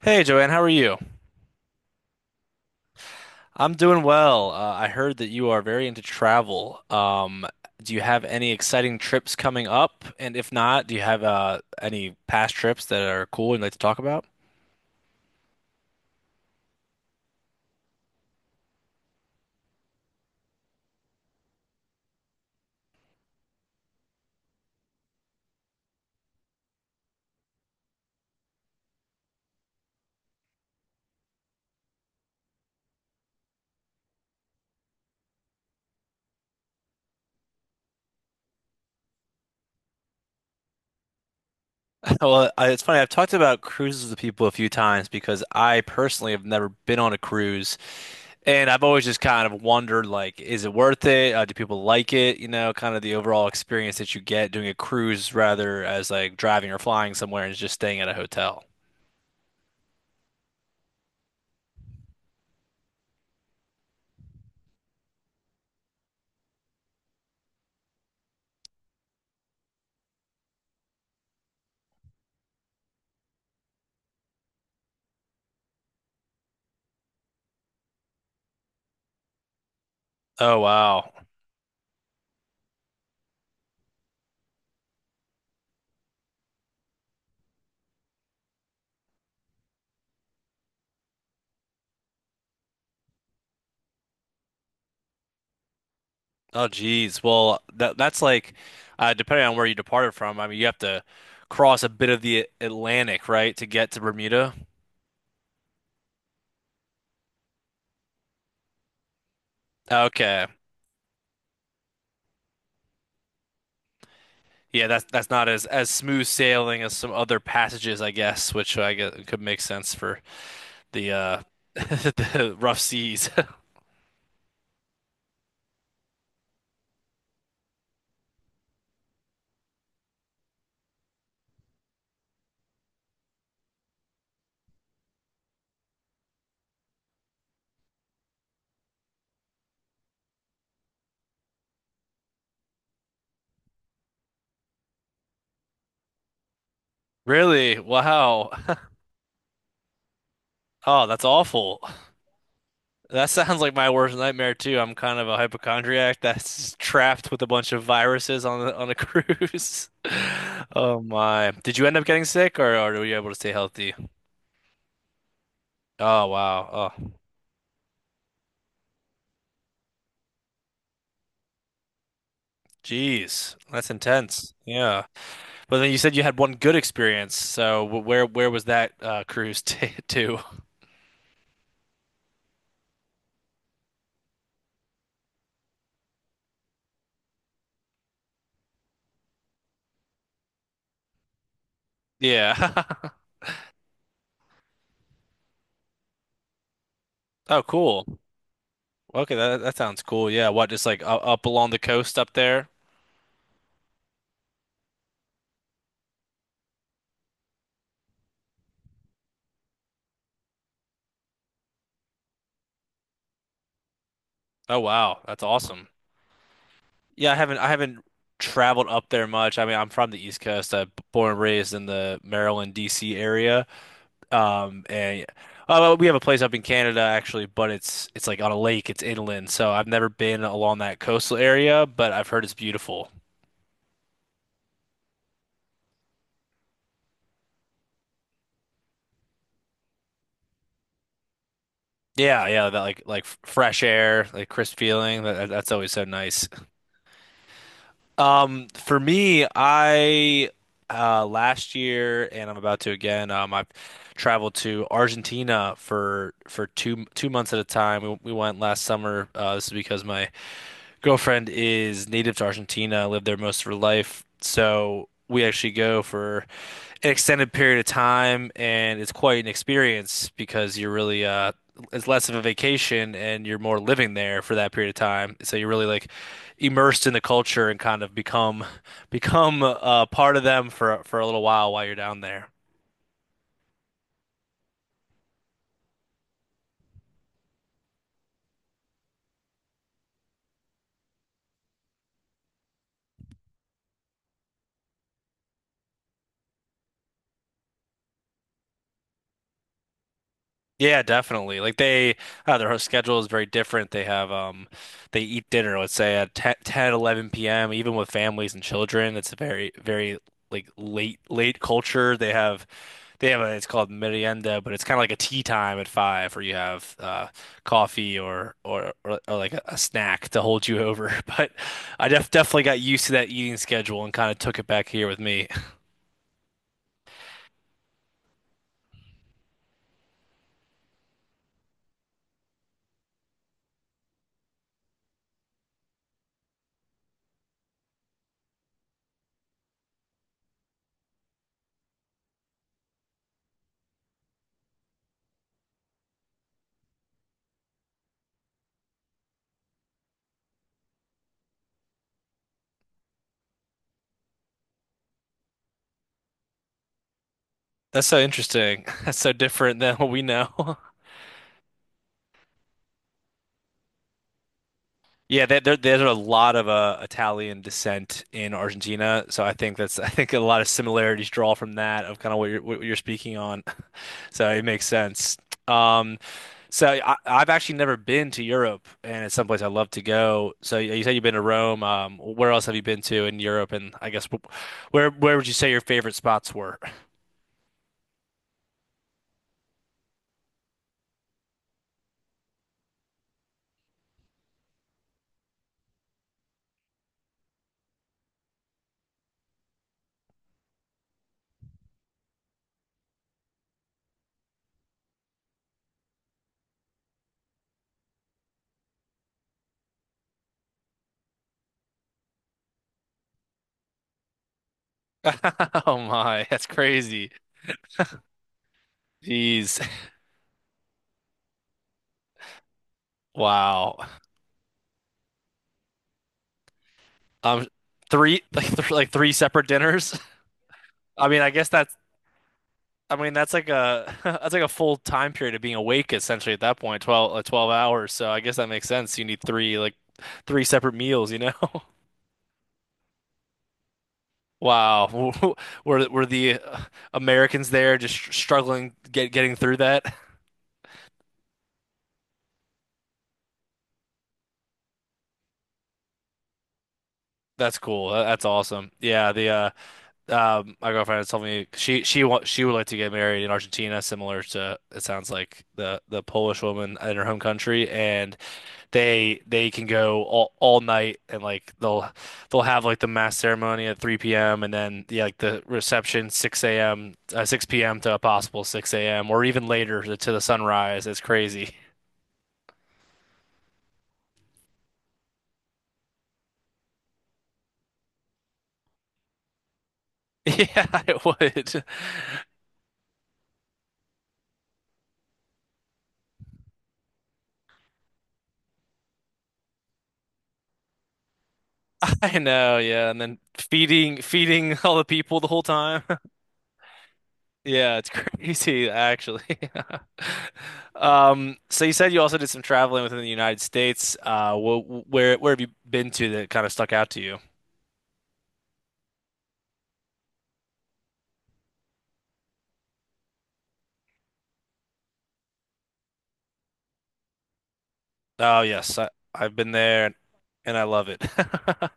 Hey Joanne, how are you? I'm doing well. I heard that you are very into travel. Do you have any exciting trips coming up? And if not, do you have any past trips that are cool you'd like to talk about? Well, it's funny. I've talked about cruises with people a few times because I personally have never been on a cruise, and I've always just kind of wondered, like, is it worth it? Do people like it? You know, kind of the overall experience that you get doing a cruise rather as like driving or flying somewhere and just staying at a hotel. Oh wow. Oh, geez. Well, that's like depending on where you departed from. I mean, you have to cross a bit of the Atlantic, right, to get to Bermuda. Okay. Yeah, that's not as smooth sailing as some other passages, I guess, which I guess could make sense for the the rough seas. Really? Wow. Oh, that's awful. That sounds like my worst nightmare too. I'm kind of a hypochondriac that's trapped with a bunch of viruses on on a cruise. Oh my. Did you end up getting sick or were you able to stay healthy? Oh wow. Oh, geez, that's intense. Yeah. But then you said you had one good experience. So where was that cruise t to? Yeah. Oh, cool. Okay, that sounds cool. Yeah, what just like up along the coast up there? Oh wow, that's awesome. Yeah, I haven't traveled up there much. I mean, I'm from the East Coast. I'm born and raised in the Maryland, D.C. area. And Oh, well, we have a place up in Canada actually, but it's like on a lake. It's inland, so I've never been along that coastal area, but I've heard it's beautiful. Yeah, yeah, that like fresh air, like crisp feeling. That's always so nice. For me, I last year and I'm about to again, I've traveled to Argentina for for two months at a time. We went last summer. This is because my girlfriend is native to Argentina, lived there most of her life. So we actually go for an extended period of time, and it's quite an experience because you're really it's less of a vacation and you're more living there for that period of time. So you're really like immersed in the culture and become part of them for a little while you're down there. Yeah, definitely. Their schedule is very different. They eat dinner, let's say at 10, p.m., even with families and children. It's a very, very like late, late culture. They have it's called merienda, but it's kind of like a tea time at five where you have, coffee or like a snack to hold you over. But I definitely got used to that eating schedule and kind of took it back here with me. That's so interesting. That's so different than what we know. Yeah, there's a lot of Italian descent in Argentina, so I think that's I think a lot of similarities draw from that of kind of what you're speaking on. So it makes sense. Um, I've actually never been to Europe, and it's someplace I love to go. So you said you've been to Rome. Where else have you been to in Europe? And I guess where would you say your favorite spots were? Oh my, that's crazy. Jeez, wow. Um, three like th like three separate dinners. I mean, I guess that's I mean, that's like a that's like a full time period of being awake essentially at that point, 12 hours. So I guess that makes sense. You need three separate meals, you know? Wow. Were The Americans there just struggling getting through that? That's cool. That's awesome. Yeah, the my girlfriend was telling me she would like to get married in Argentina, similar to it sounds like the Polish woman in her home country, and they can go all night and like they'll have like the mass ceremony at 3 p.m. and then yeah, like the reception 6 a.m. 6 p.m. to a possible 6 a.m. or even later to the sunrise. It's crazy. Yeah, it would. I know, yeah, and then feeding all the people the whole time. Yeah, it's crazy actually. So you said you also did some traveling within the United States. Where have you been to that kind of stuck out to you? Oh yes, I've been there and I love it.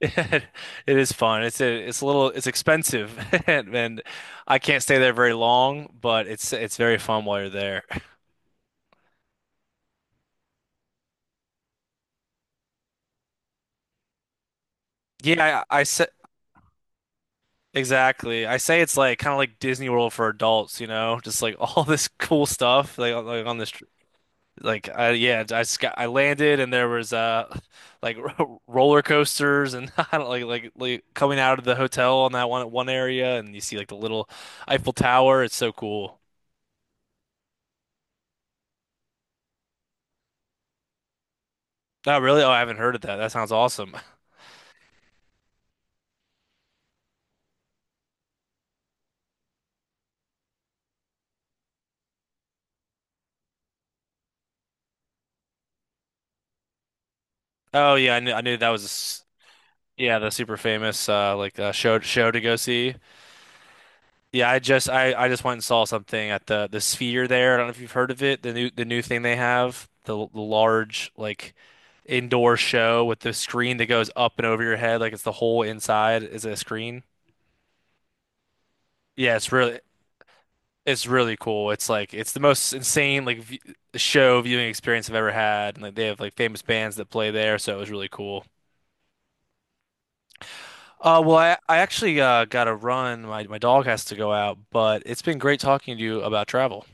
It, it is fun. It's it's a little it's expensive and I can't stay there very long, but it's very fun while you're there. Yeah, I say exactly. I say it's like Disney World for adults, you know, just like all this cool stuff like on this Like I yeah, I just got I landed and there was like roller coasters and I don't like coming out of the hotel on that one area and you see like the little Eiffel Tower. It's so cool. Oh really? Oh, I haven't heard of that. That sounds awesome. Oh yeah, I knew that was yeah the super famous show to go see. Yeah, I just went and saw something at the Sphere there. I don't know if you've heard of it. The new thing they have, the large like indoor show with the screen that goes up and over your head, like it's the whole inside is a screen. Yeah, it's really cool. It's like it's the most insane like v show viewing experience I've ever had. And like they have like famous bands that play there, so it was really cool. Well, I actually got to run. My dog has to go out, but it's been great talking to you about travel.